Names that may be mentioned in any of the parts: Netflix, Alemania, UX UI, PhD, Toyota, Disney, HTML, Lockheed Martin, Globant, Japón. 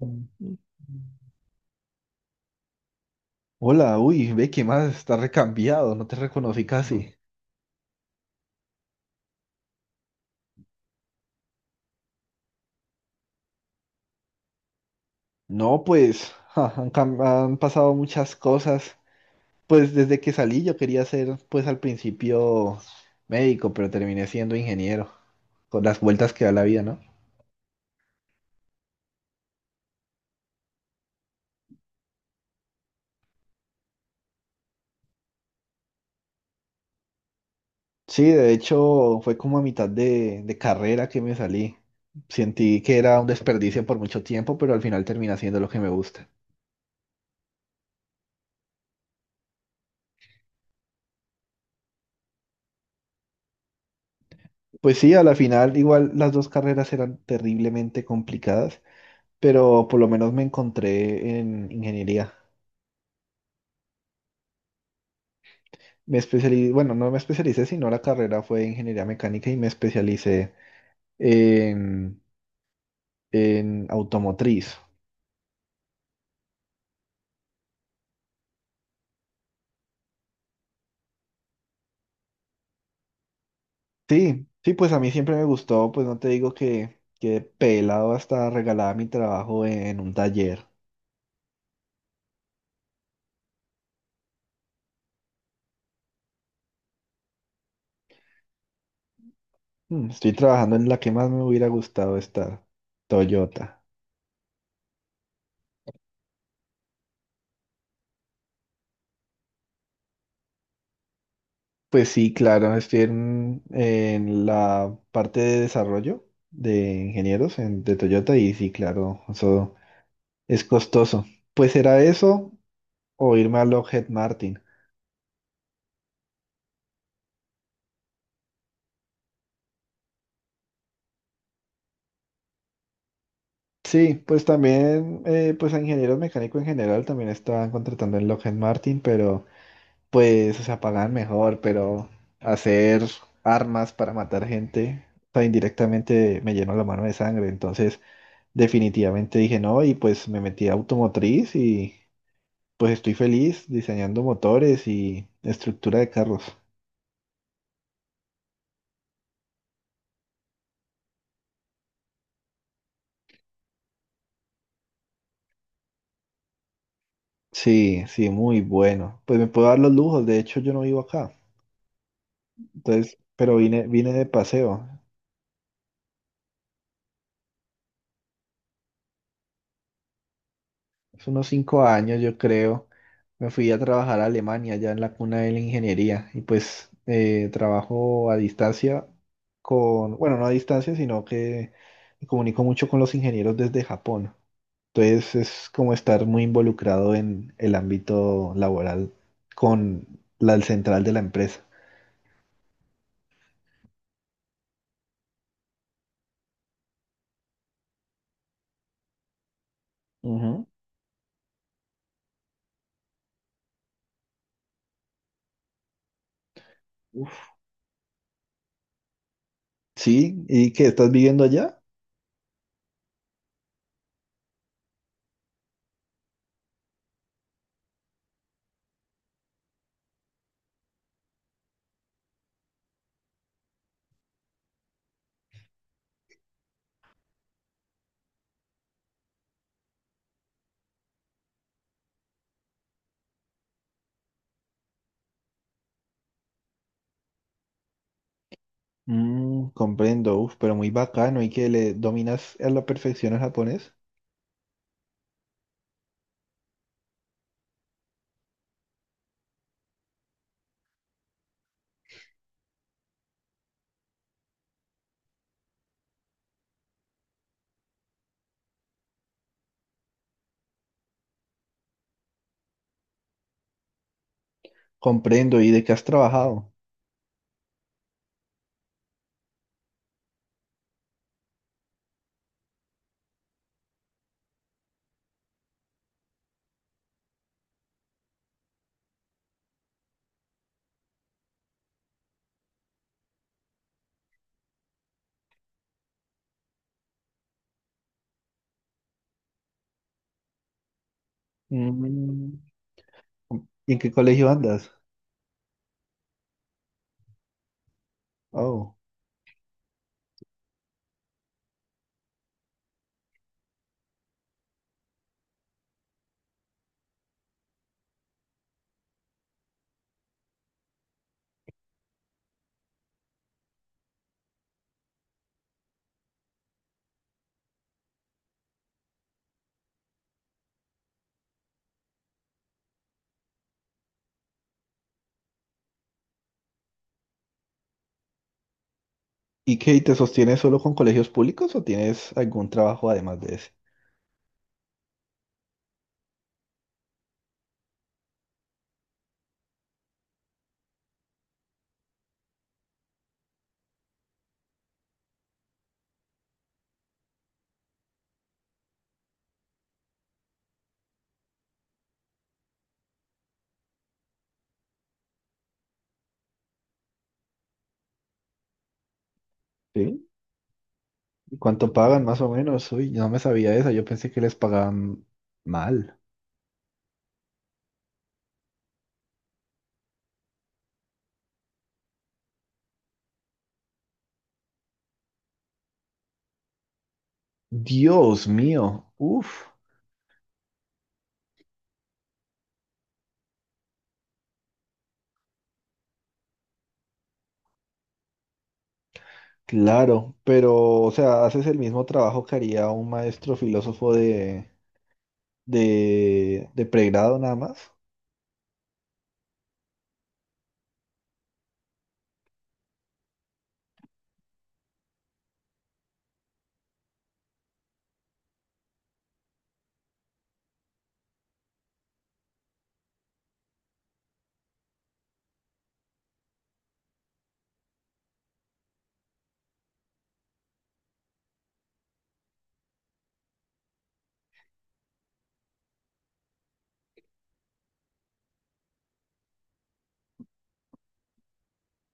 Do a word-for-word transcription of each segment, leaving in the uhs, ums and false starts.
Mm. Hola, uy, ve que más está recambiado, no te reconocí casi. No, pues ja, han, cam- han pasado muchas cosas. Pues desde que salí yo quería ser, pues al principio médico, pero terminé siendo ingeniero, con las vueltas que da la vida, ¿no? Sí, de hecho fue como a mitad de, de carrera que me salí. Sentí que era un desperdicio por mucho tiempo, pero al final terminé haciendo lo que me gusta. Pues sí, a la final igual las dos carreras eran terriblemente complicadas, pero por lo menos me encontré en ingeniería. Me especialicé, bueno, no me especialicé, sino la carrera fue ingeniería mecánica y me especialicé en, en automotriz. Sí, sí, pues a mí siempre me gustó, pues no te digo que, que pelado hasta regalada mi trabajo en un taller. Mm, Estoy trabajando en la que más me hubiera gustado estar, Toyota. Pues sí, claro, estoy en, en la parte de desarrollo de ingenieros en- de Toyota y sí, claro, eso es costoso. Pues era eso o irme a Lockheed Martin. Sí, pues también, eh, pues a ingenieros mecánicos en general también estaban contratando en Lockheed Martin, pero pues, o sea, pagan mejor, pero hacer armas para matar gente, o sea, indirectamente me llenó la mano de sangre. Entonces, definitivamente dije no y pues me metí a automotriz y pues estoy feliz diseñando motores y estructura de carros. Sí, sí, muy bueno. Pues me puedo dar los lujos, de hecho yo no vivo acá. Entonces, pero vine, vine de paseo. Hace unos cinco años, yo creo, me fui a trabajar a Alemania, ya en la cuna de la ingeniería. Y pues eh, trabajo a distancia con, bueno, no a distancia, sino que me comunico mucho con los ingenieros desde Japón. Entonces es como estar muy involucrado en el ámbito laboral con la central de la empresa. Ujú. Uf. Sí, ¿y qué estás viviendo allá? Mm, comprendo, uf, pero muy bacano y que le dominas a la perfección el japonés. Comprendo, ¿y de qué has trabajado? Mm, ¿y en qué colegio andas? Oh. ¿Y qué, te sostienes solo con colegios públicos o tienes algún trabajo además de ese? ¿Sí? ¿Y cuánto pagan más o menos? Uy, no me sabía eso, yo pensé que les pagaban mal. Dios mío, uf, claro, pero, o sea, haces el mismo trabajo que haría un maestro filósofo de de, de pregrado nada más.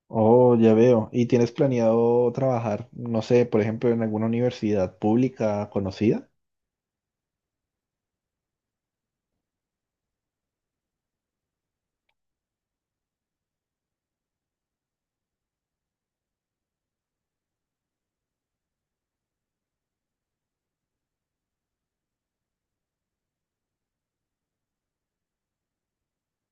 Oh, ya veo. ¿Y tienes planeado trabajar, no sé, por ejemplo, en alguna universidad pública conocida?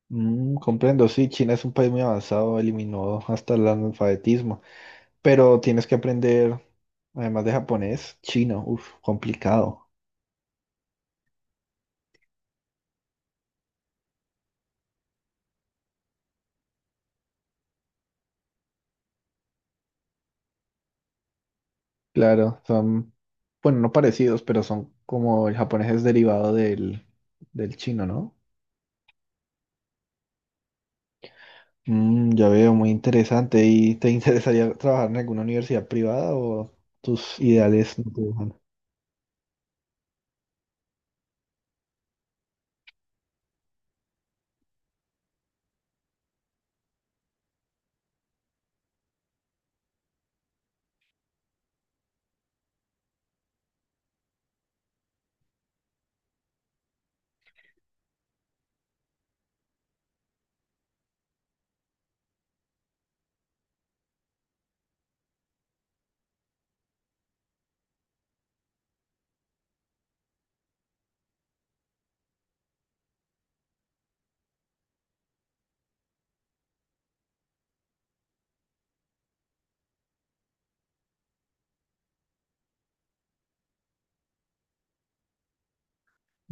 Mm, comprendo, sí, China es un país muy avanzado, eliminó hasta el analfabetismo, pero tienes que aprender, además de japonés, chino, uf, complicado. Claro, son, bueno, no parecidos, pero son como el japonés es derivado del, del chino, ¿no? Mm, ya veo, muy interesante. ¿Y te interesaría trabajar en alguna universidad privada o tus ideales no te dejan?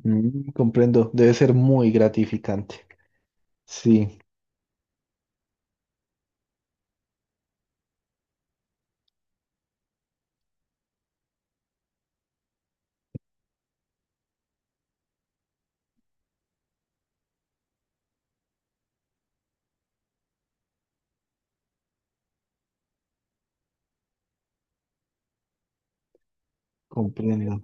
Mm, comprendo, debe ser muy gratificante. Sí, comprendo.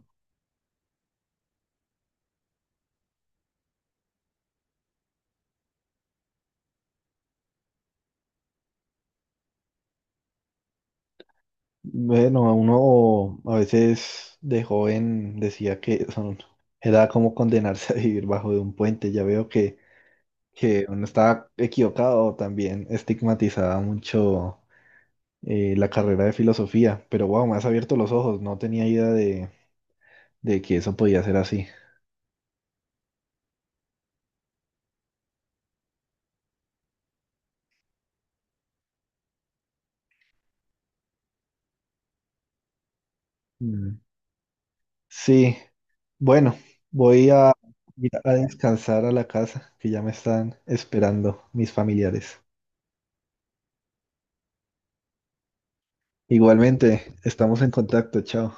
Bueno, a uno a veces de joven decía que son, era como condenarse a vivir bajo de un puente. Ya veo que, que uno estaba equivocado, también estigmatizaba mucho eh, la carrera de filosofía. Pero wow, me has abierto los ojos, no tenía idea de que eso podía ser así. Mm. Sí, bueno, voy a ir a descansar a la casa, que ya me están esperando mis familiares. Igualmente, estamos en contacto, chao.